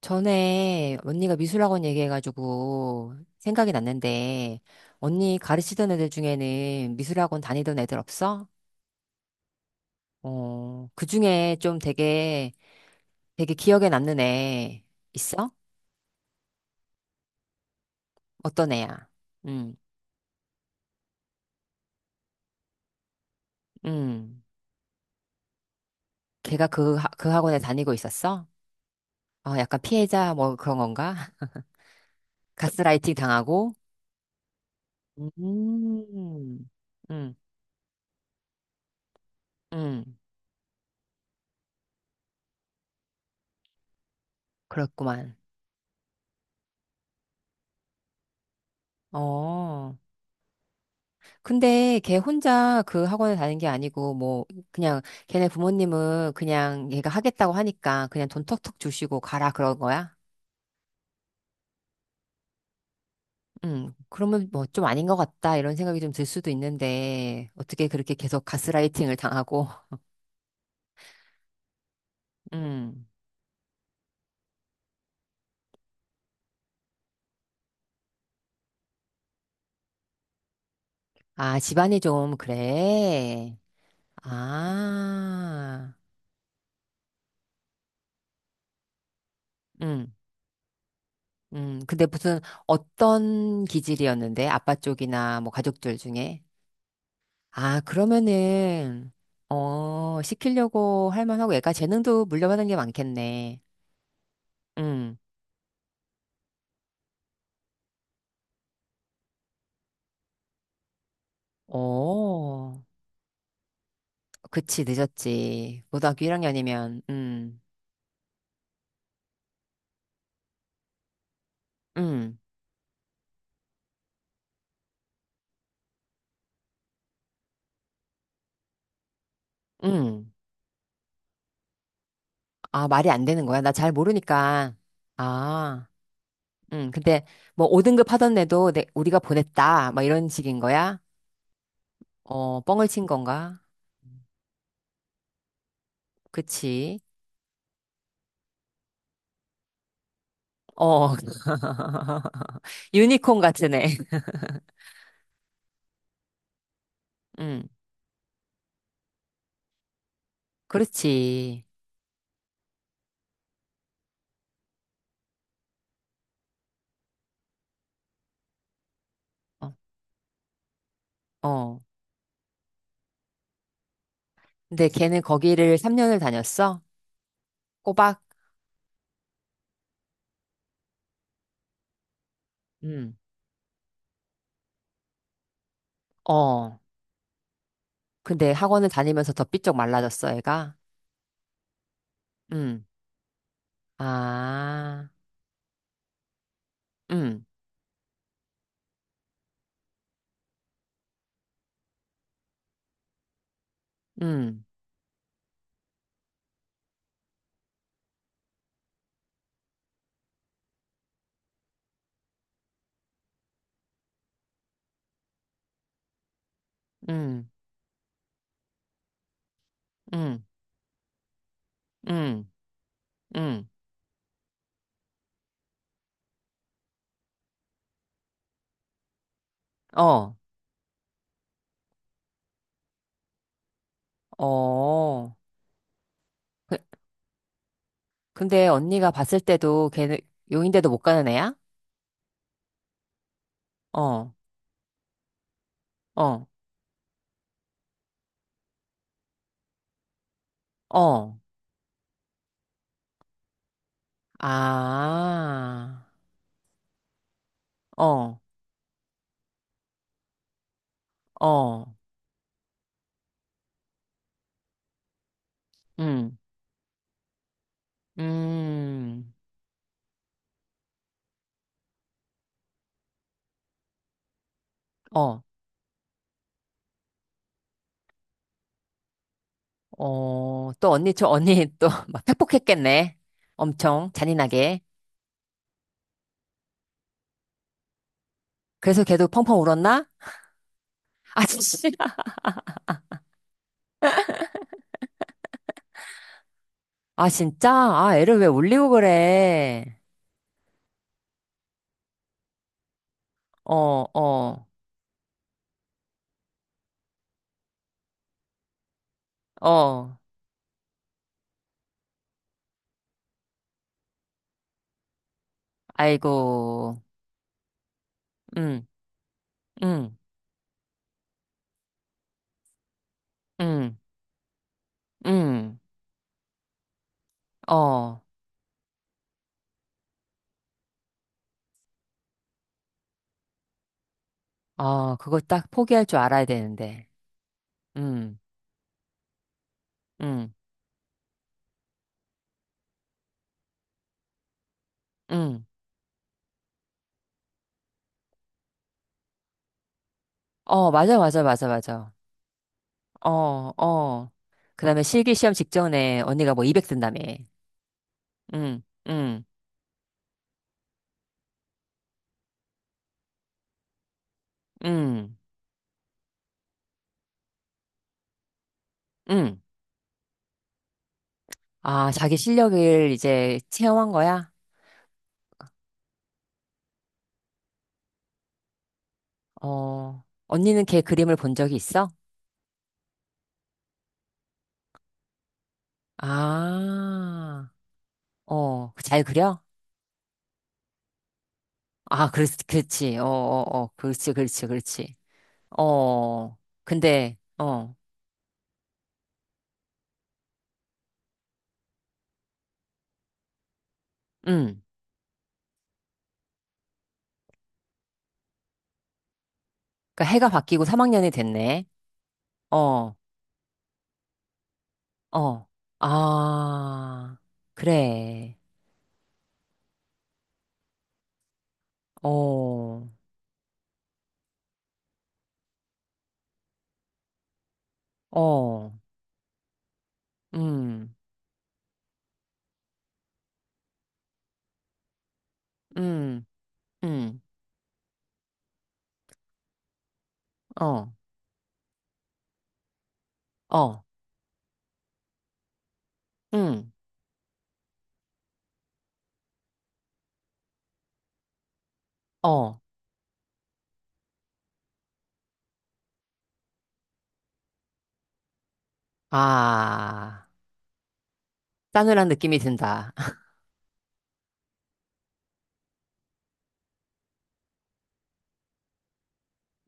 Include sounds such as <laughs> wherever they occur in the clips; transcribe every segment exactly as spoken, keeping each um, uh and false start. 전에 언니가 미술학원 얘기해가지고 생각이 났는데, 언니 가르치던 애들 중에는 미술학원 다니던 애들 없어? 어, 그 중에 좀 되게, 되게 기억에 남는 애 있어? 어떤 애야? 응, 응. 걔가 그, 하- 그 학원에 다니고 있었어? 어, 약간 피해자 뭐 그런 건가? <laughs> 가스라이팅 당하고? 음, 응, 응. 그렇구만. 어. 근데 걔 혼자 그 학원에 다닌 게 아니고 뭐 그냥 걔네 부모님은 그냥 얘가 하겠다고 하니까 그냥 돈 턱턱 주시고 가라 그런 거야? 음, 그러면 뭐 좀 아닌 것 같다 이런 생각이 좀 들 수도 있는데 어떻게 그렇게 계속 가스라이팅을 당하고. <laughs> 음. 아, 집안이 좀 그래. 아. 음. 음. 근데 무슨 어떤 기질이었는데 아빠 쪽이나 뭐 가족들 중에? 아, 그러면은, 어, 시키려고 할 만하고 애가 재능도 물려받은 게 많겠네. 응. 어, 그치, 늦었지. 고등학교 일 학년이면, 응, 응, 응. 아, 말이 안 되는 거야? 나 잘 모르니까. 아, 응. 근데 뭐 오 등급 하던 애도 내, 우리가 보냈다. 막 이런 식인 거야? 어, 뻥을 친 건가? 그치. 어, <laughs> 유니콘 같은 애. <laughs> 응, 그렇지. 어. 어. 근데 걔는 거기를 삼 년을 다녔어? 꼬박? 음. 어. 근데 학원을 다니면서 더 삐쩍 말라졌어, 애가? 음. 아. 음. 음. 음. 음. 음. 음. 어. 어. 그- 근데 언니가 봤을 때도 걔는 용인대도 못 가는 애야? 어. 어. 어. 아. 어. 어. 음. 음. 어. 어, 또 언니, 저 언니 <laughs> 또 막 팩폭했겠네. 엄청 잔인하게. 그래서 걔도 펑펑 울었나? 아, 진짜. <laughs> 아, 진짜? 아, 애를 왜 울리고 그래. 어, 어, 어. 아이고. 응, 응, 응, 응. 어, 어. 그걸 딱 포기할 줄 알아야 되는데. 응, 응, 응. 어, 맞아, 맞아, 맞아, 맞아. 어, 어. 그 다음에 실기 시험 직전에 언니가 뭐 이백 든다며. 응, 응, 응. 응. 아, 자기 실력을 이제 체험한 거야? 어, 언니는 걔 그림을 본 적이 있어? 아, 어, 잘 그려? 아, 그렇지, 그렇지. 어, 어, 어, 그렇지, 그렇지, 그렇지. 어, 근데, 어, 응. 그러니까 해가 바뀌고 삼 학년이 됐네. 어, 어, 아, 그래. 어, 어, 음, 음, 음, 어, 어, 음, 어. 아, 싸늘한 느낌이 든다. <laughs>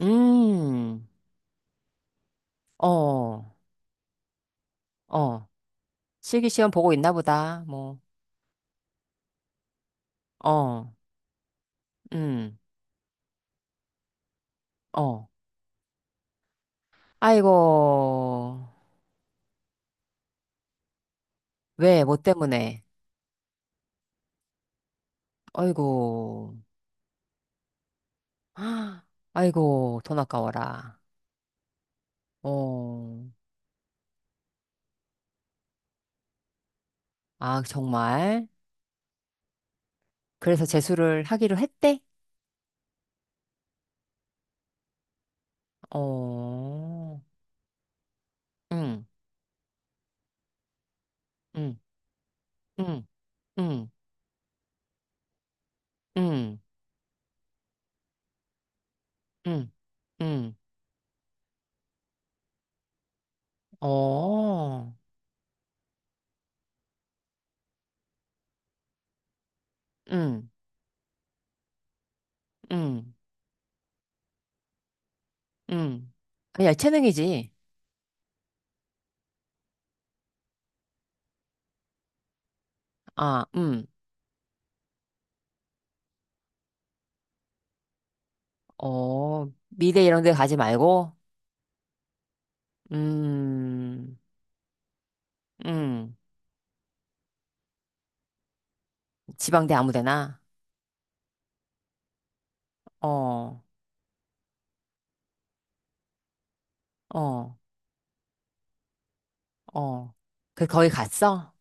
음, 어, 어. 실기시험 보고 있나 보다. 뭐, 어, 음, 어. 아이고. 왜, 뭐 때문에. 아이고. <gasps> 아이고, 돈 아까워라. 어, 아, 정말? 그래서 재수를 하기로 했대? 어, 응, 응, 응, 응, 응, 응, 응, 어, 응, 응. 응. 아니야, 체능이지. 아, 음. 어, 미대 이런 데 가지 말고, 음, 음. 지방대 아무 데나? 어, 어, 어. 그, 거기 갔어?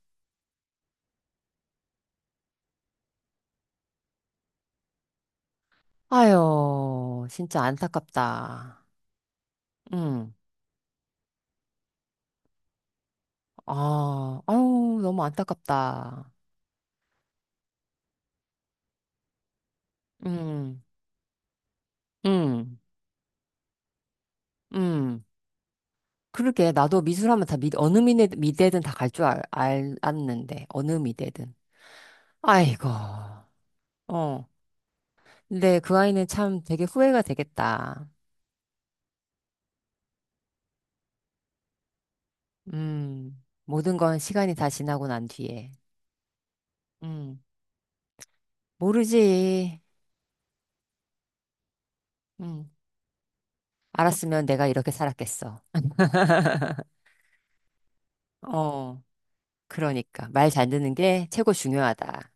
아유, 진짜 안타깝다. 응. 아, 아유, 너무 안타깝다. 응, 응, 응. 그러게, 나도 미술하면 다 미, 어느 미대, 미대든 다 갈 줄 알, 알, 알았는데, 어느 미대든. 아이고. 어. 근데 그 아이는 참 되게 후회가 되겠다. 음, 모든 건 시간이 다 지나고 난 뒤에. 음, 모르지. 음, 알았으면 내가 이렇게 살았겠어. 어, 그러니까. 말 잘 듣는 게 최고 중요하다.